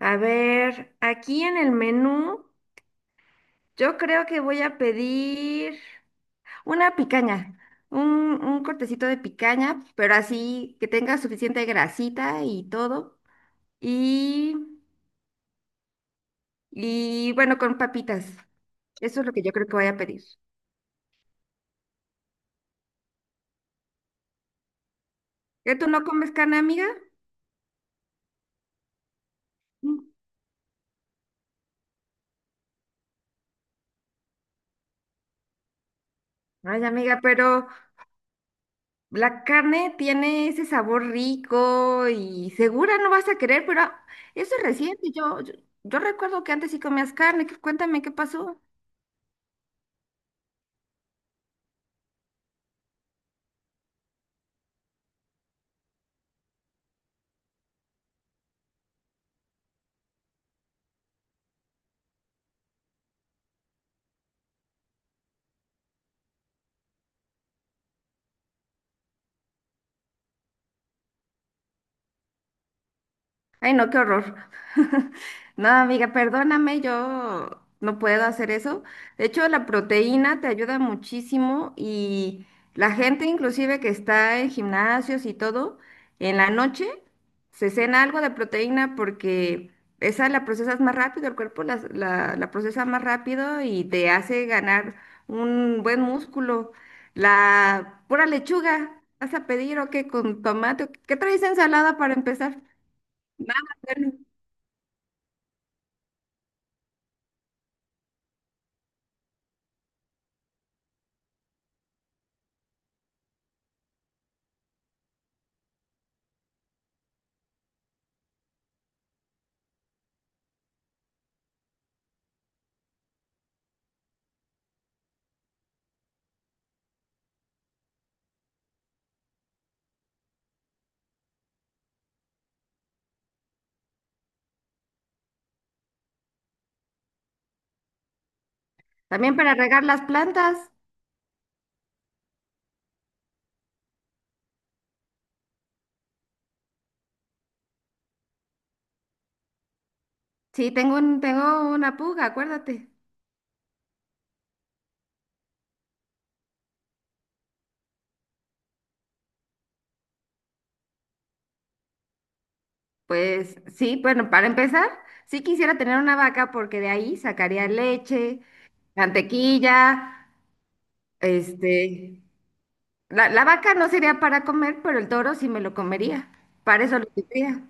A ver, aquí en el menú, yo creo que voy a pedir una picaña, un cortecito de picaña, pero así que tenga suficiente grasita y todo. Y, y bueno, con papitas. Eso es lo que yo creo que voy a pedir. ¿Que tú no comes carne, amiga? Mm. Ay, amiga, pero la carne tiene ese sabor rico y segura no vas a querer, pero eso es reciente. Yo recuerdo que antes sí comías carne. Cuéntame qué pasó. Ay, no, qué horror. No, amiga, perdóname, yo no puedo hacer eso. De hecho, la proteína te ayuda muchísimo y la gente inclusive que está en gimnasios y todo, en la noche se cena algo de proteína porque esa la procesas más rápido, el cuerpo la procesa más rápido y te hace ganar un buen músculo. La pura lechuga, ¿vas a pedir o qué con tomate? ¿Qué traes de ensalada para empezar? Ah, bueno. También para regar las plantas. Sí, tengo una puga, acuérdate. Pues sí, bueno, para empezar, sí quisiera tener una vaca porque de ahí sacaría leche, mantequilla, este... La vaca no sería para comer, pero el toro sí me lo comería. Para eso lo tendría.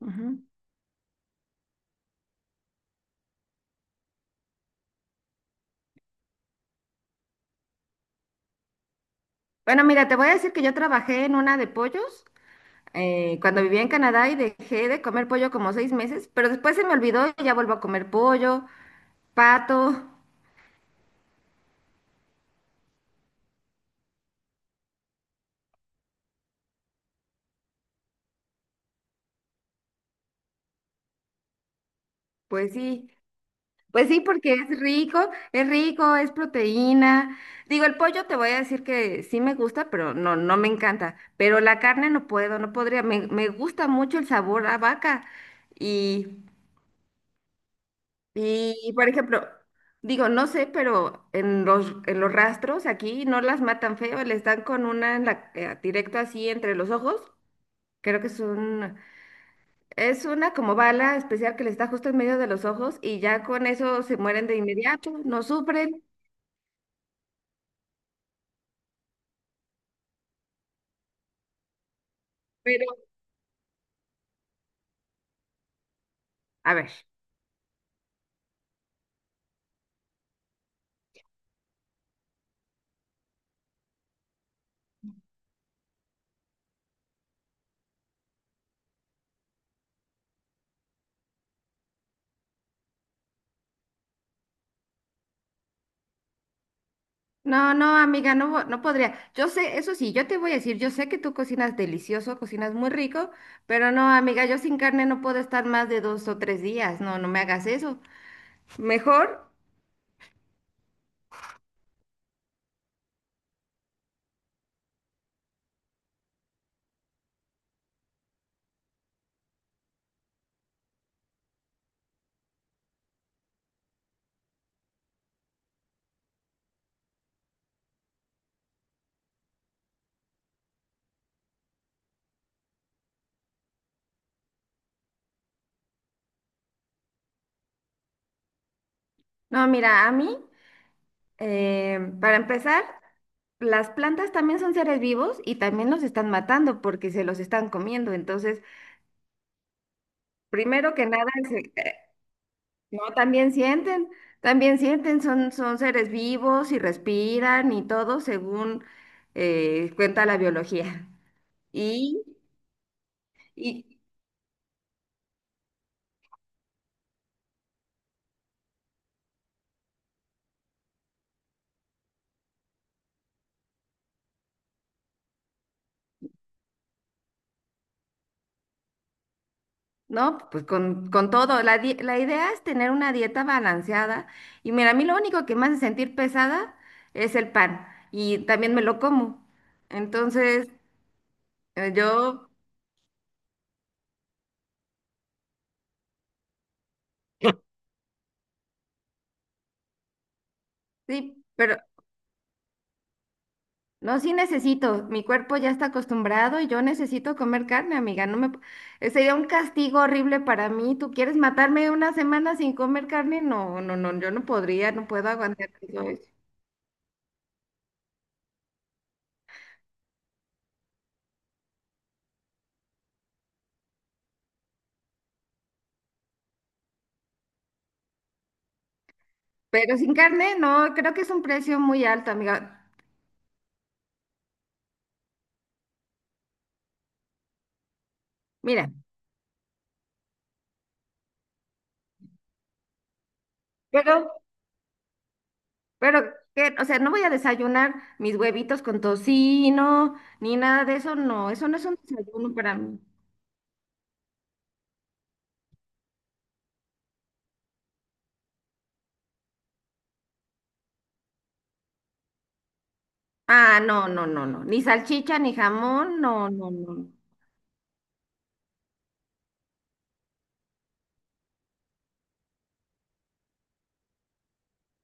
Ujú. Bueno, mira, te voy a decir que yo trabajé en una de pollos cuando vivía en Canadá y dejé de comer pollo como 6 meses, pero después se me olvidó y ya vuelvo a comer pollo, pato. Pues sí, pues sí, porque es rico, es rico, es proteína. Digo, el pollo te voy a decir que sí me gusta, pero no, no me encanta. Pero la carne no puedo, no podría. Me gusta mucho el sabor a vaca. Y, y, por ejemplo, digo, no sé, pero en los rastros aquí no las matan feo, les dan con una en la, directo así entre los ojos. Creo que son Es una como bala especial que les da justo en medio de los ojos y ya con eso se mueren de inmediato, no sufren, pero a ver. No, no, amiga, no, no podría. Yo sé, eso sí, yo te voy a decir, yo sé que tú cocinas delicioso, cocinas muy rico, pero no, amiga, yo sin carne no puedo estar más de 2 o 3 días. No, no me hagas eso. Mejor, no, mira, a mí, para empezar, las plantas también son seres vivos y también los están matando porque se los están comiendo. Entonces, primero que nada, no, también sienten, son seres vivos y respiran y todo según cuenta la biología. Y, y no, pues con todo, la idea es tener una dieta balanceada. Y mira, a mí lo único que me hace sentir pesada es el pan y también me lo como. Entonces, eh, yo, sí, pero no, sí necesito. Mi cuerpo ya está acostumbrado y yo necesito comer carne, amiga. No me... p- Sería un castigo horrible para mí. ¿Tú quieres matarme una semana sin comer carne? No, no, no, yo no podría, no puedo aguantar todo eso. Pero sin carne, no, creo que es un precio muy alto, amiga. Mira, pero, pero, ¿qué? O sea, no voy a desayunar mis huevitos con tocino, ni nada de eso, no. Eso no es un desayuno para mí. Ah, no, no, no, no. Ni salchicha, ni jamón, no, no, no, no.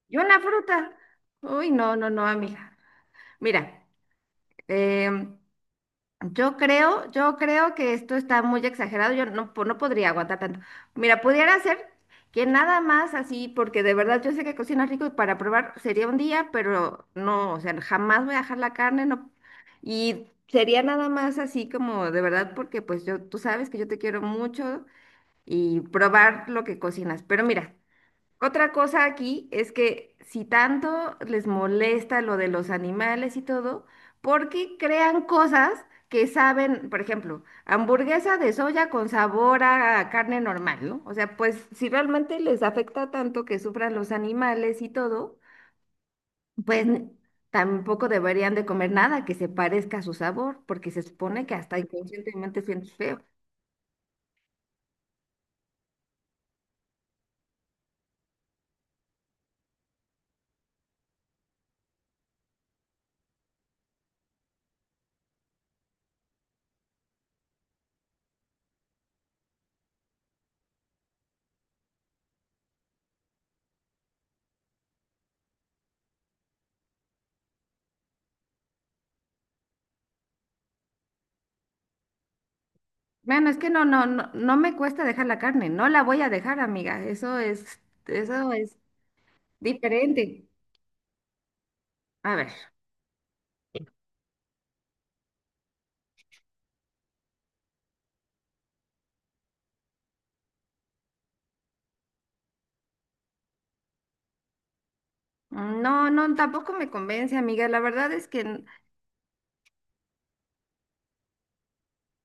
Yo la fruta. Uy, no, no, no, amiga. Mira, em, yo creo que esto está muy exagerado. Yo no, no podría aguantar tanto. Mira, pudiera ser que nada más así, porque de verdad yo sé que cocina rico y para probar sería un día, pero no, o sea, jamás voy a dejar la carne, no. Y sería nada más así como de verdad, porque pues yo, tú sabes que yo te quiero mucho y probar lo que cocinas. Pero mira, otra cosa aquí es que si tanto les molesta lo de los animales y todo, ¿por qué crean cosas que saben, por ejemplo, hamburguesa de soya con sabor a carne normal, ¿no? O sea, pues si realmente les afecta tanto que sufran los animales y todo, pues tampoco deberían de comer nada que se parezca a su sabor, porque se supone que hasta inconscientemente sientes feo. Bueno, es que no, no, no, no me cuesta dejar la carne, no la voy a dejar, amiga. Eso es Diferente. A ver, no, no, tampoco me convence, amiga. La verdad es que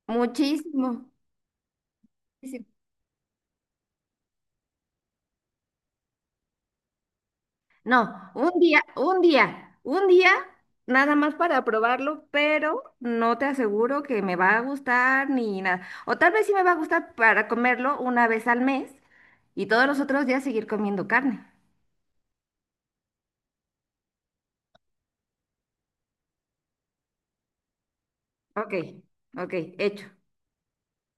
muchísimo. Muchísimo. No, un día, un día, un día, nada más para probarlo, pero no te aseguro que me va a gustar ni nada. O tal vez sí me va a gustar para comerlo una vez al mes y todos los otros días seguir comiendo carne. Ok, ok, hecho.